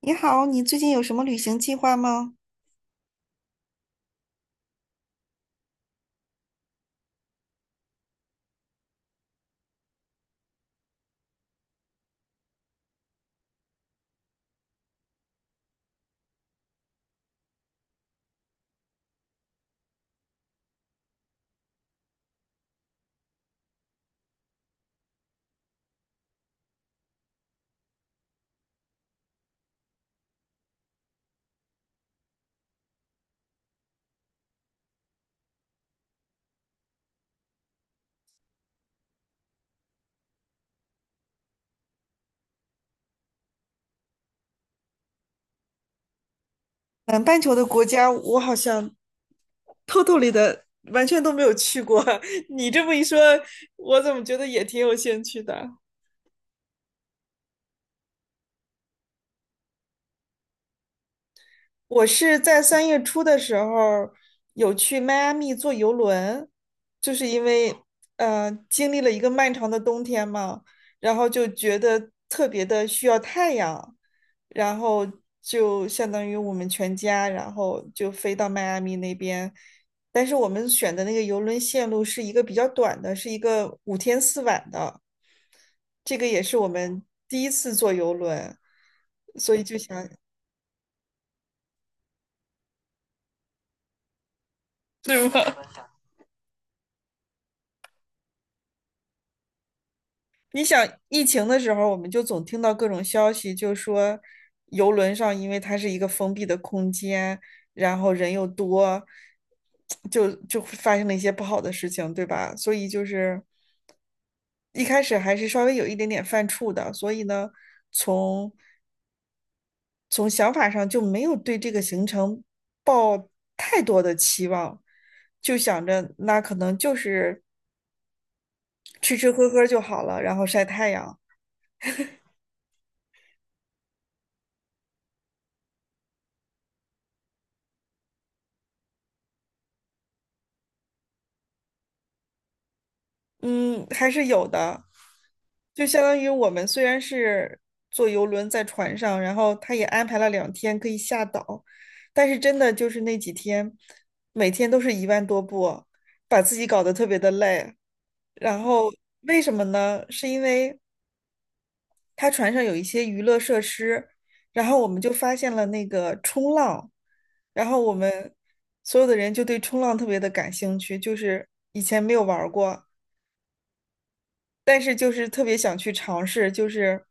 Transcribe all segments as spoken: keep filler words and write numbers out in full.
你好，你最近有什么旅行计划吗？南半球的国家，我好像偷偷里的完全都没有去过。你这么一说，我怎么觉得也挺有兴趣的？我是在三月初的时候有去迈阿密坐游轮，就是因为呃经历了一个漫长的冬天嘛，然后就觉得特别的需要太阳，然后就相当于我们全家，然后就飞到迈阿密那边。但是我们选的那个游轮线路是一个比较短的，是一个五天四晚的，这个也是我们第一次坐游轮，所以就想 对吗？你想疫情的时候，我们就总听到各种消息，就说游轮上因为它是一个封闭的空间，然后人又多，就就发生了一些不好的事情，对吧？所以就是一开始还是稍微有一点点犯怵的，所以呢，从从想法上就没有对这个行程抱太多的期望，就想着那可能就是吃吃喝喝就好了，然后晒太阳。嗯，还是有的。就相当于我们虽然是坐游轮在船上，然后他也安排了两天可以下岛，但是真的就是那几天，每天都是一万多步，把自己搞得特别的累。然后为什么呢？是因为他船上有一些娱乐设施，然后我们就发现了那个冲浪，然后我们所有的人就对冲浪特别的感兴趣，就是以前没有玩儿过，但是就是特别想去尝试，就是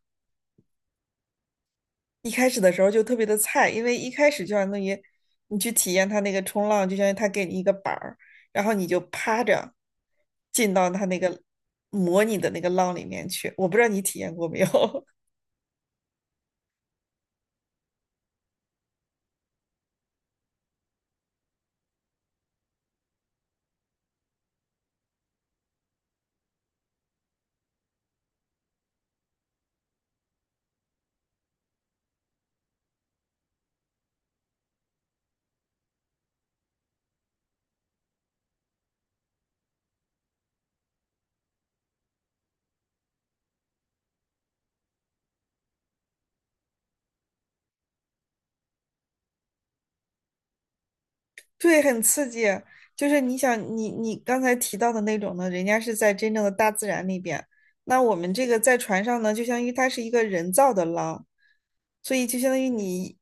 一开始的时候就特别的菜，因为一开始就相当于你去体验它那个冲浪，就相当于它给你一个板儿，然后你就趴着进到它那个模拟的那个浪里面去。我不知道你体验过没有？对，很刺激。就是你想，你你刚才提到的那种呢，人家是在真正的大自然里边，那我们这个在船上呢，就相当于它是一个人造的浪，所以就相当于你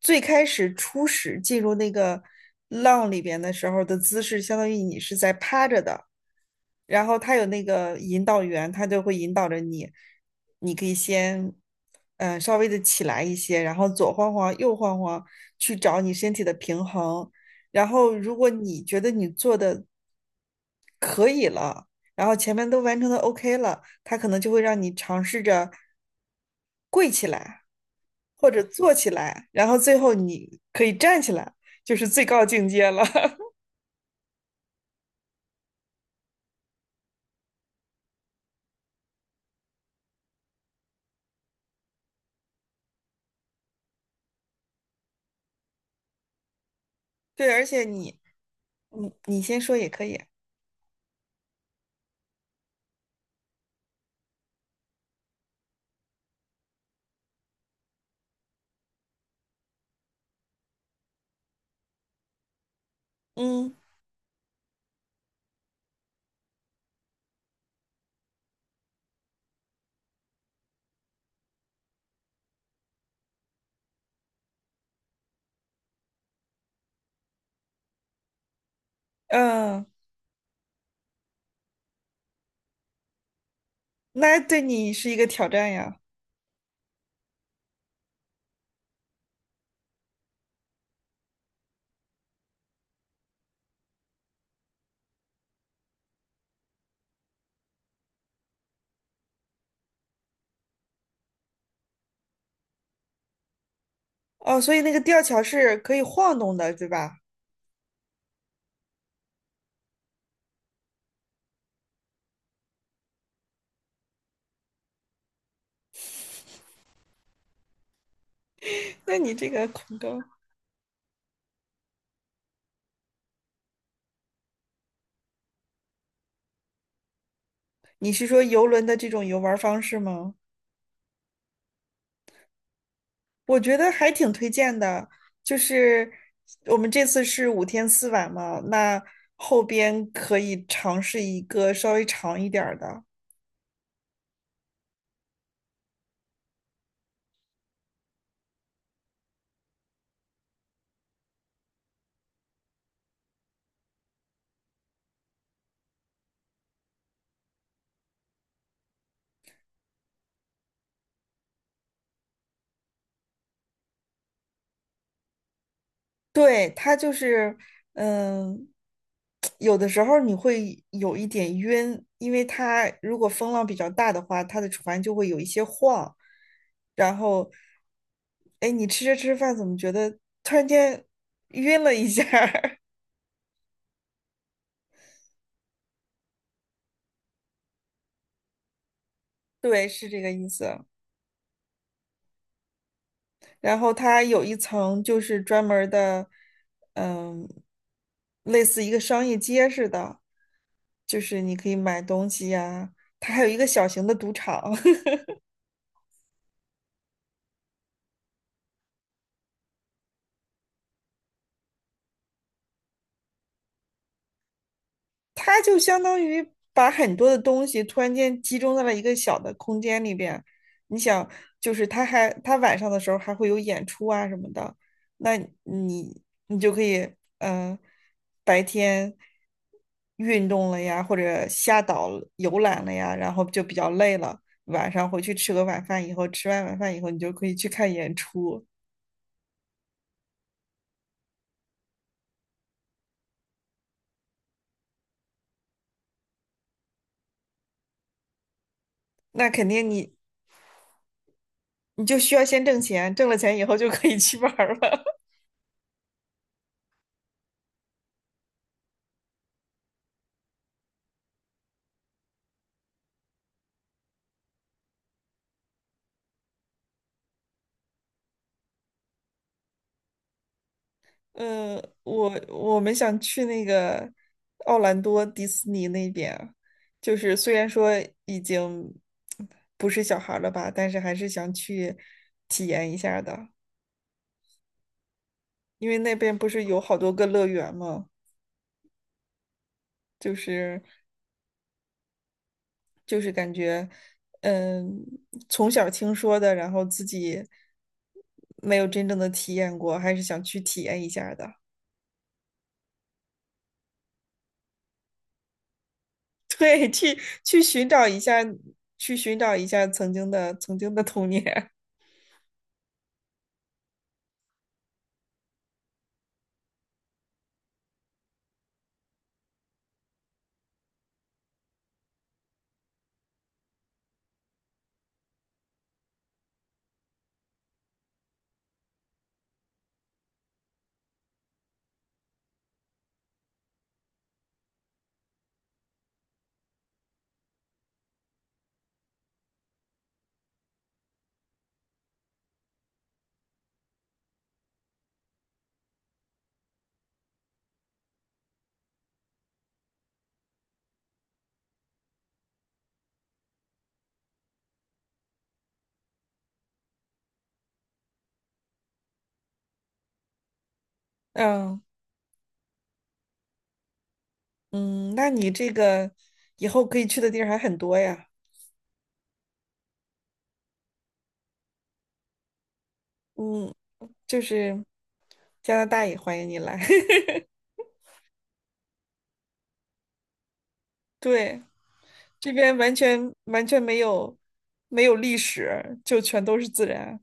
最开始初始进入那个浪里边的时候的姿势，相当于你是在趴着的，然后他有那个引导员，他就会引导着你，你可以先。嗯，稍微的起来一些，然后左晃晃，右晃晃，去找你身体的平衡。然后如果你觉得你做的，然后前面都完成的 OK 了，他可能就会让你尝试着跪起来或者坐起来，然后最后你可以站起来，就是最高境界了。对，而且你，你你先说也可以。嗯嗯，那对你是一个挑战呀。哦，所以那个吊桥是可以晃动的，对吧？那你这个恐高，你是说游轮的这种游玩方式吗？我觉得还挺推荐的，就是我们这次是五天四晚嘛，那后边可以尝试一个稍微长一点儿的。对，它就是，嗯，有的时候你会有一点晕，因为它如果风浪比较大的话，它的船就会有一些晃。然后，哎，你吃着吃着饭，怎么觉得突然间晕了一下儿 对，是这个意思。然后它有一层就是专门儿的，嗯，类似一个商业街似的，就是你可以买东西呀、它还有一个小型的赌场。他就相当于把很多的东西突然间集中在了一个小的空间里边。你想，就是他还他晚上的时候还会有演出啊什么的，那你你就可以嗯、呃白天运动了呀，或者下岛游览了呀，然后就比较累了，晚上回去吃个晚饭以后，吃完晚饭以后你就可以去看演出。那肯定你你就需要先挣钱，挣了钱以后就可以去玩儿了。呃，我我们想去那个奥兰多迪士尼那边啊就是虽然说已经不是小孩儿了吧，但是还是想去体验一下的，因为那边不是有好多个乐园嘛，就是就是感觉，嗯，从小听说的，然后自己没有真正的体验过，还是想去体验一下的。对，去去寻找一下，去寻找一下曾经的曾经的童年。嗯嗯，那你这个以后可以去的地儿还很多呀。嗯，就是加拿大也欢迎你来。对，这边完全完全没有没有历史，就全都是自然。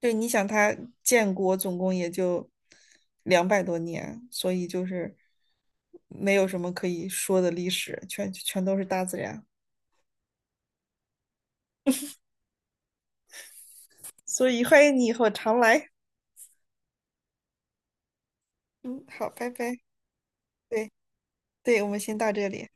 对，你想它建国总共也就两百多年，所以就是没有什么可以说的历史，全全都是大自然。所以欢迎你以后常来。嗯，好，拜拜。对对，我们先到这里。